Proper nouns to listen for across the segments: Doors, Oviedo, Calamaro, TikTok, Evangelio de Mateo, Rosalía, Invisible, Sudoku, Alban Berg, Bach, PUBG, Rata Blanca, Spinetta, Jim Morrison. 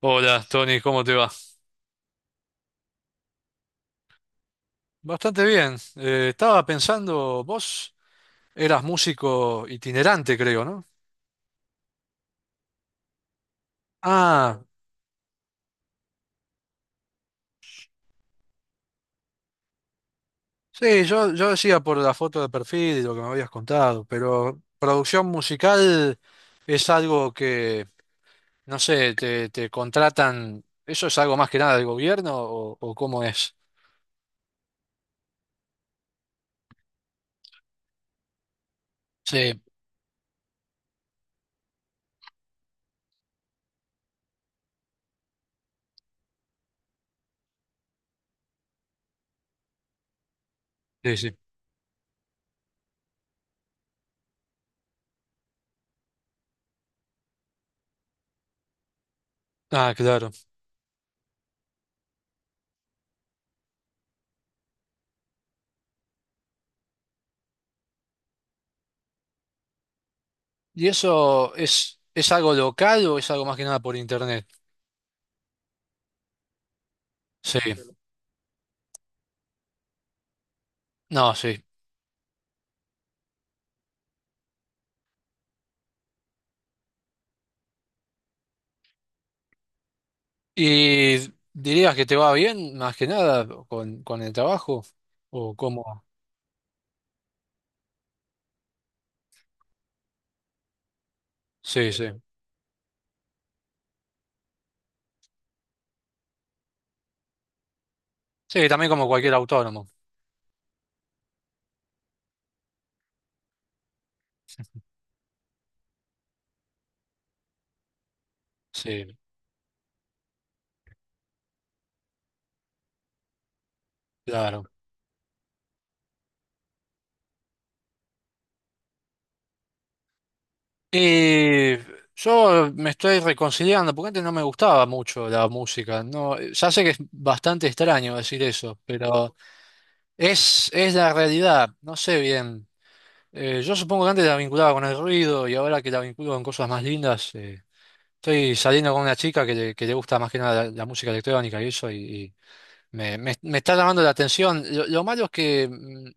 Hola, Tony, ¿cómo te va? Bastante bien. Estaba pensando, vos eras músico itinerante, creo, ¿no? Ah, sí, yo decía por la foto de perfil y lo que me habías contado, pero producción musical es algo que, no sé, te contratan, ¿eso es algo más que nada del gobierno o cómo es? Sí, sí, sí. Ah, claro. ¿Y eso es algo local o es algo más que nada por internet? Sí, no, sí. ¿Y dirías que te va bien, más que nada, con el trabajo? ¿O cómo? Sí, sí. Sí, también como cualquier autónomo. Sí, claro. Y yo me estoy reconciliando, porque antes no me gustaba mucho la música. No, ya sé que es bastante extraño decir eso, pero es la realidad. No sé bien. Yo supongo que antes la vinculaba con el ruido y ahora que la vinculo con cosas más lindas, estoy saliendo con una chica que le gusta más que nada la música electrónica y eso, y me está llamando la atención. Lo malo es que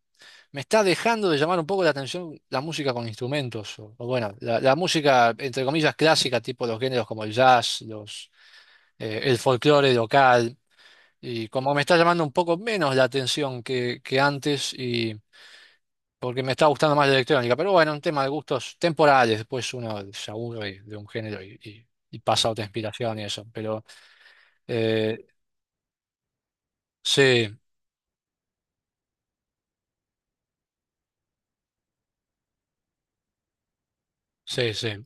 me está dejando de llamar un poco la atención la música con instrumentos. O bueno, la música, entre comillas, clásica, tipo los géneros como el jazz, el folclore local. Y como me está llamando un poco menos la atención que antes, y porque me está gustando más la electrónica. Pero bueno, un tema de gustos temporales. Después uno se aburre de un género y pasa a otra inspiración y eso. Pero eh, sí, sí, sí,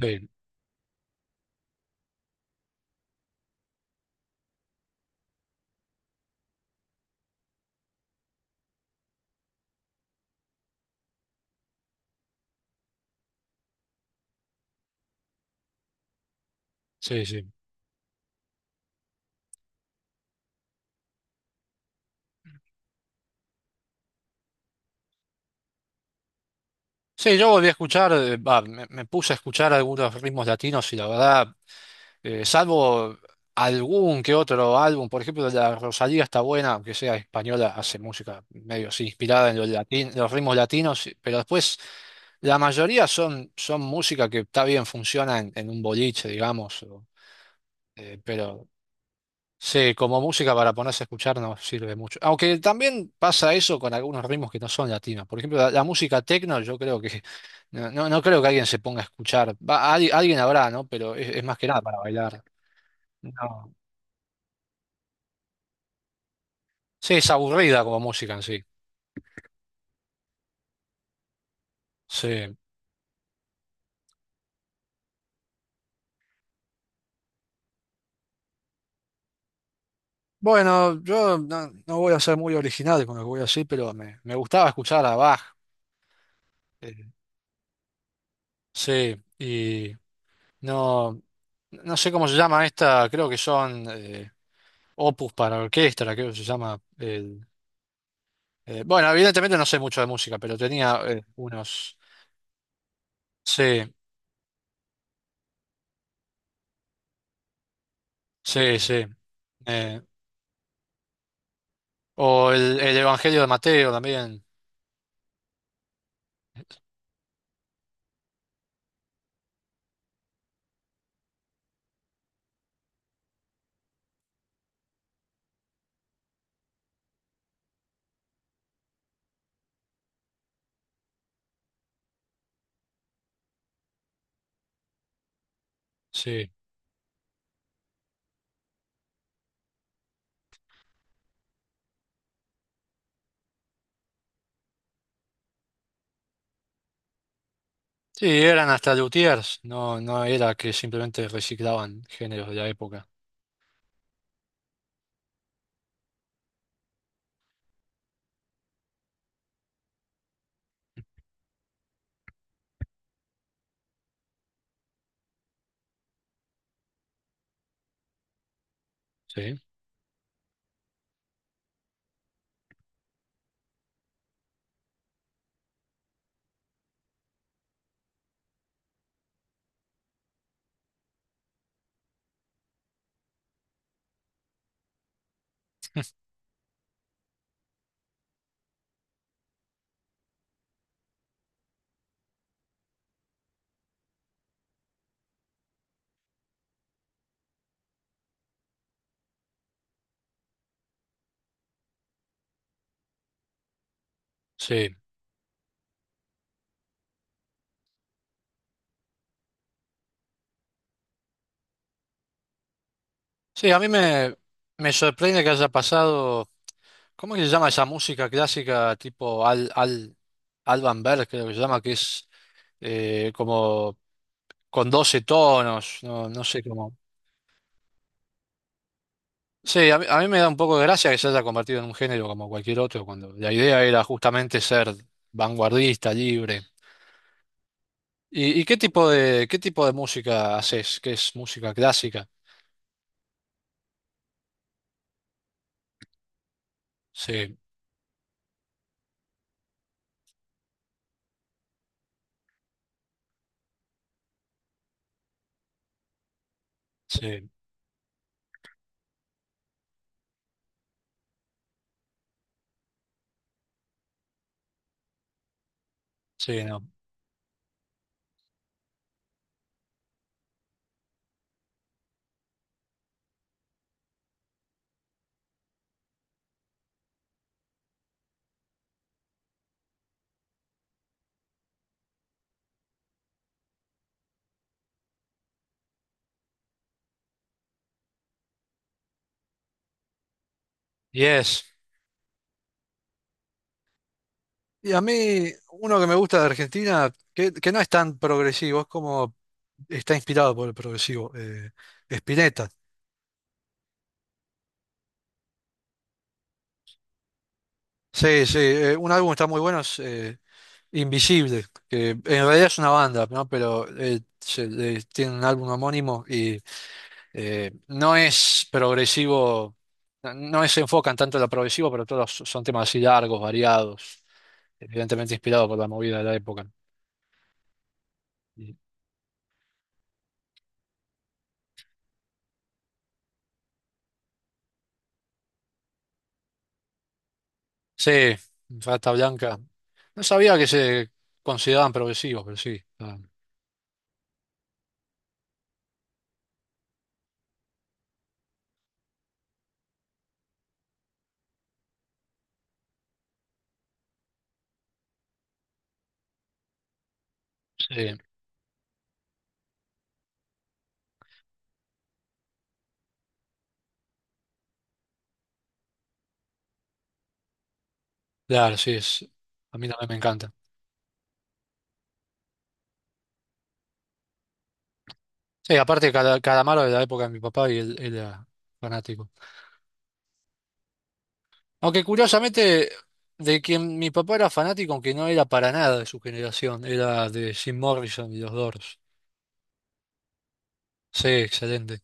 sí, sí. Sí, yo volví a escuchar, me puse a escuchar algunos ritmos latinos y la verdad, salvo algún que otro álbum, por ejemplo, la Rosalía está buena, aunque sea española, hace música medio así inspirada en los los ritmos latinos, pero después la mayoría son, son música que está bien, funciona en un boliche, digamos, o pero sí, como música para ponerse a escuchar no sirve mucho. Aunque también pasa eso con algunos ritmos que no son latinos. Por ejemplo, la música techno, yo creo que no, no, no creo que alguien se ponga a escuchar. Va, alguien habrá, ¿no? Pero es más que nada para bailar. No. Sí, es aburrida como música en sí. Sí. Bueno, yo no, no voy a ser muy original con lo que voy a decir, pero me gustaba escuchar a Bach. eh, sí, y no, no sé cómo se llama esta, creo que son opus para orquesta, creo que se llama. Bueno, evidentemente no sé mucho de música, pero tenía unos... Sí, sí, sí. Eh, o el Evangelio de Mateo también. Sí. Sí, eran hasta luthiers, no, no era que simplemente reciclaban géneros de la época. Sí, sí. Sí, a mí me sorprende que haya pasado, ¿cómo que se llama esa música clásica tipo Alban Berg, creo que se llama, que es como con 12 tonos, no, no sé cómo. Sí, a mí me da un poco de gracia que se haya convertido en un género como cualquier otro, cuando la idea era justamente ser vanguardista, libre. Y qué tipo de música haces? ¿Qué es música clásica? Sí, sí, sí, no. Yes. Y a mí, uno que me gusta de Argentina, que no es tan progresivo, es como está inspirado por el progresivo, Spinetta. Sí, sí, un álbum está muy bueno, Invisible, que en realidad es una banda, ¿no? Pero tiene un álbum homónimo y no es progresivo, no no se enfocan tanto en lo progresivo, pero todos son temas así largos, variados, evidentemente inspirados por la movida de la época. Y- Sí, Rata Blanca. No sabía que se consideraban progresivos, pero sí. Sí, claro, sí, es, a mí también me encanta. Sí, aparte, cada Calamaro de la época de mi papá y él era fanático. Aunque curiosamente, de quien mi papá era fanático, aunque no era para nada de su generación, era de Jim Morrison y los Doors. Sí, excelente.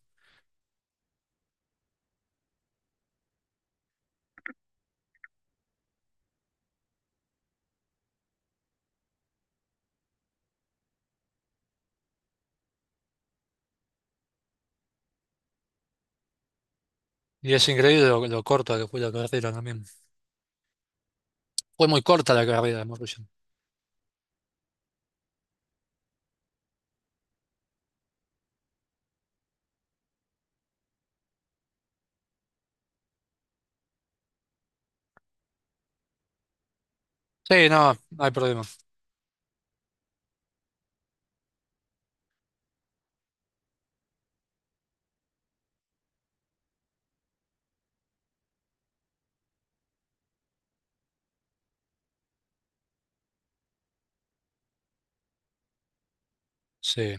Y es increíble lo corta que fue la carrera también. Fue muy corta la carrera de Morrison. Sí, no, no hay problema. Sí,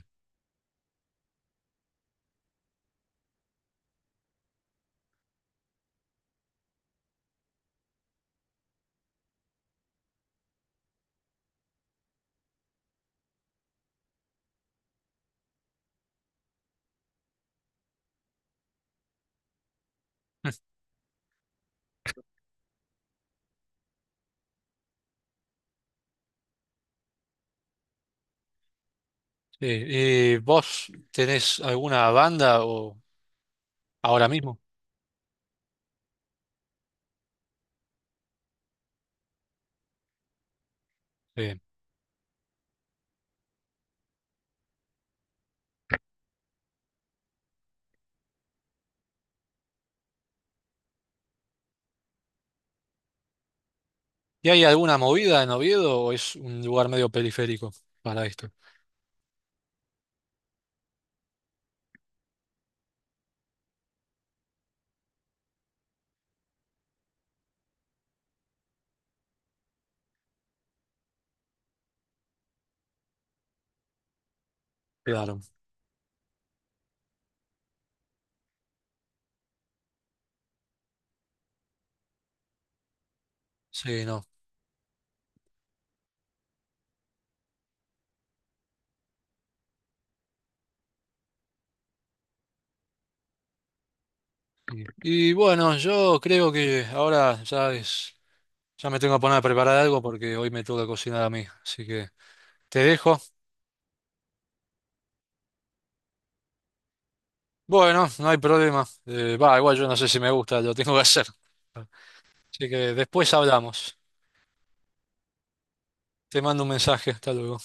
sí. ¿Y vos tenés alguna banda o ahora mismo? Sí. ¿Y hay alguna movida en Oviedo o es un lugar medio periférico para esto? Claro. Sí, no. Y bueno, yo creo que ahora ya es. Ya me tengo que poner a preparar algo porque hoy me toca cocinar a mí, así que te dejo. Bueno, no hay problema. Va, igual yo no sé si me gusta, lo tengo que hacer. Así que después hablamos. Te mando un mensaje, hasta luego.